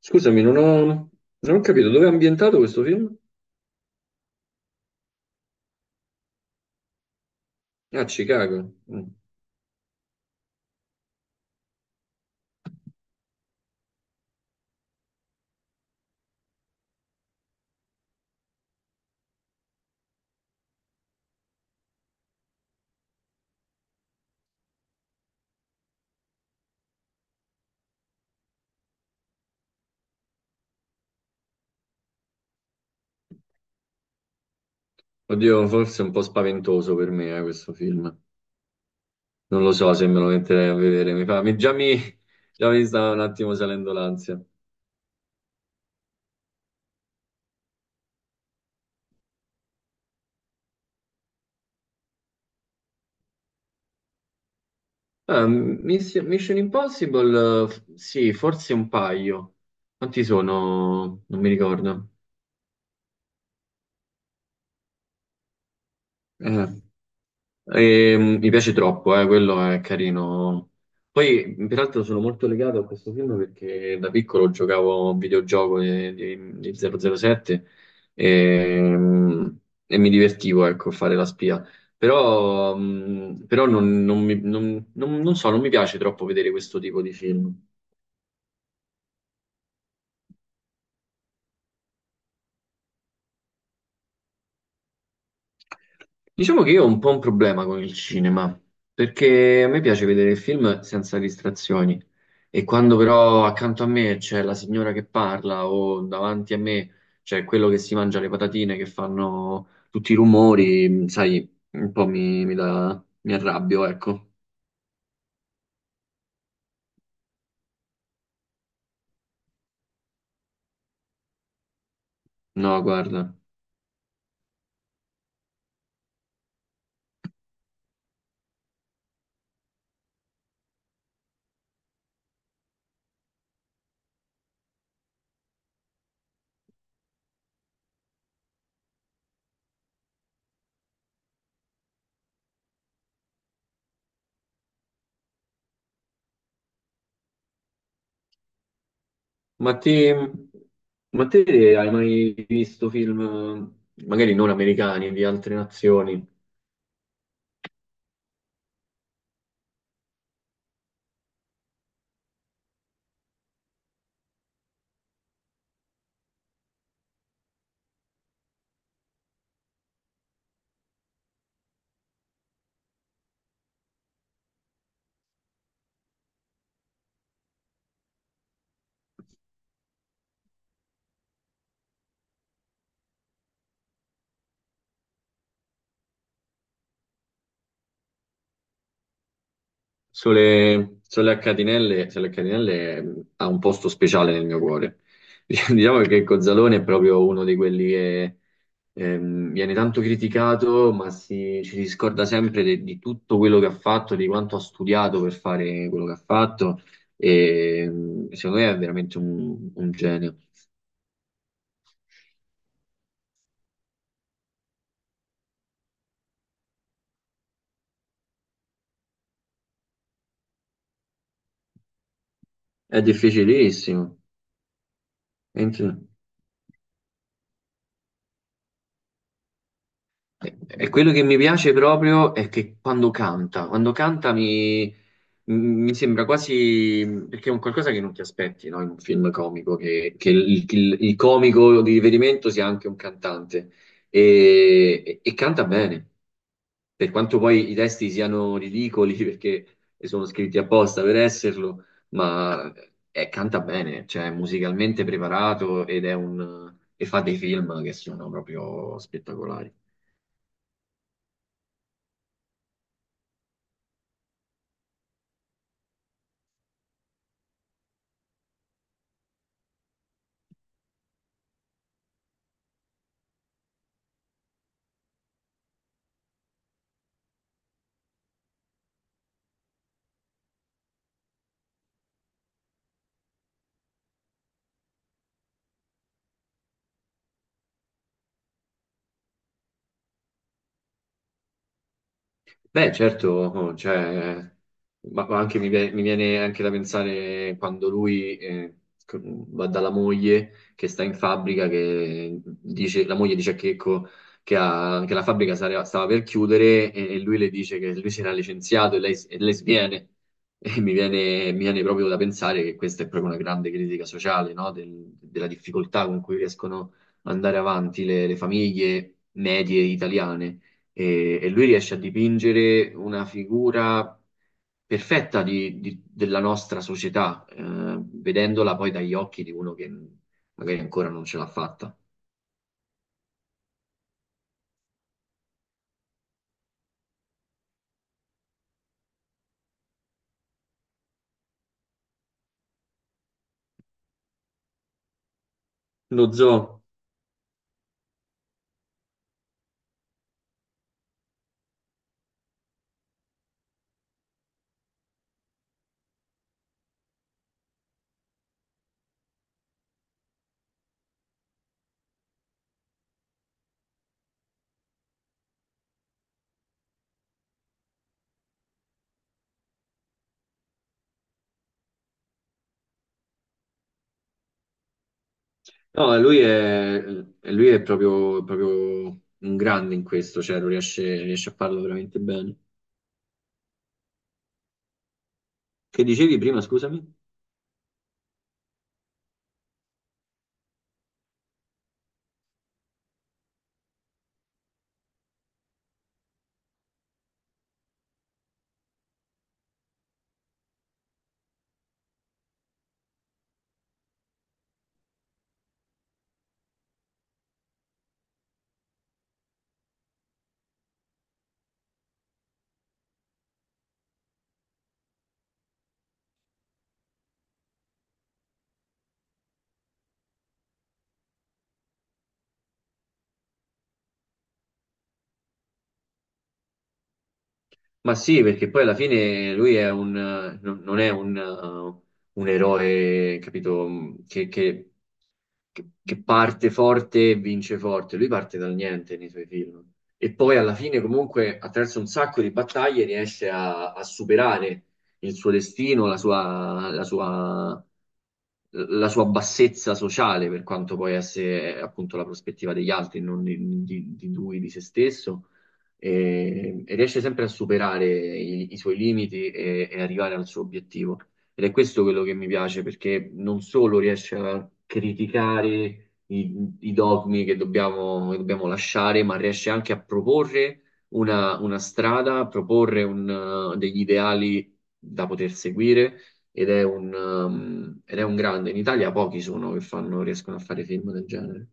Scusami, non ho capito dove è ambientato questo film? A Chicago. Mm. Oddio, forse è un po' spaventoso per me, questo film. Non lo so se me lo metterei a vedere. Mi fa, mi- già mi, Già mi sta un attimo salendo l'ansia. Ah, Mission Impossible, sì, forse un paio. Quanti sono? Non mi ricordo. Eh. E, mi piace troppo, quello è carino. Poi, peraltro, sono molto legato a questo film perché da piccolo giocavo a un videogioco di 007 e, e mi divertivo, ecco, a fare la spia. Però, però non so, non mi piace troppo vedere questo tipo di film. Diciamo che io ho un po' un problema con il cinema, perché a me piace vedere il film senza distrazioni e quando però accanto a me c'è la signora che parla o davanti a me c'è quello che si mangia le patatine che fanno tutti i rumori, sai, un po' mi arrabbio, ecco. No, guarda. Ma te, ma te hai mai visto film, magari non americani, di altre nazioni? Sole, Sole a Catinelle ha un posto speciale nel mio cuore. Diciamo che Cozzalone è proprio uno di quelli che viene tanto criticato, ma si, ci si scorda sempre di tutto quello che ha fatto, di quanto ha studiato per fare quello che ha fatto. E, secondo me è veramente un genio. È difficilissimo. E quello che mi piace proprio è che quando canta, mi sembra quasi, perché è un qualcosa che non ti aspetti, no? In un film comico, il comico di riferimento sia anche un cantante e, e canta bene, per quanto poi i testi siano ridicoli perché sono scritti apposta per esserlo, ma canta bene, cioè è musicalmente preparato ed è e fa dei film che sono proprio spettacolari. Beh, certo, oh, cioè, ma anche mi viene anche da pensare quando lui va dalla moglie che sta in fabbrica, che dice, la moglie dice a Checco che, che la fabbrica stava per chiudere e lui le dice che lui si era licenziato e lei, e lei sviene. E mi viene proprio da pensare che questa è proprio una grande critica sociale, no? Della difficoltà con cui riescono ad andare avanti le famiglie medie italiane e lui riesce a dipingere una figura perfetta della nostra società, vedendola poi dagli occhi di uno che magari ancora non ce l'ha fatta. Lo zoo, no, lui è, e lui è proprio, proprio un grande in questo, cioè riesce a farlo veramente bene. Che dicevi prima, scusami? Ma sì, perché poi alla fine lui è non è un eroe, capito, che parte forte e vince forte. Lui parte dal niente nei suoi film. E poi alla fine, comunque, attraverso un sacco di battaglie, riesce a superare il suo destino, la sua bassezza sociale, per quanto poi esse appunto la prospettiva degli altri, non di lui, di se stesso. E riesce sempre a superare i suoi limiti e arrivare al suo obiettivo. Ed è questo quello che mi piace, perché non solo riesce a criticare i dogmi che dobbiamo lasciare, ma riesce anche a proporre una strada, a proporre un, degli ideali da poter seguire. Ed è un grande. In Italia pochi sono riescono a fare film del genere.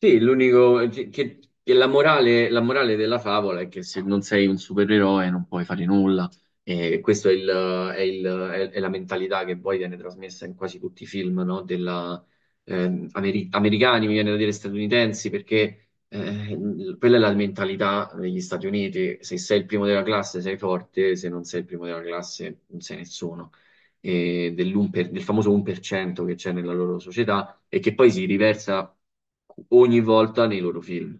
Sì, l'unico che la morale della favola è che se non sei un supereroe non puoi fare nulla. E questa è, è la mentalità che poi viene trasmessa in quasi tutti i film, no? Della, americani, mi viene da dire statunitensi, perché quella è la mentalità degli Stati Uniti. Se sei il primo della classe sei forte, se non sei il primo della classe non sei nessuno. E del famoso 1% che c'è nella loro società e che poi si riversa ogni volta nei loro film.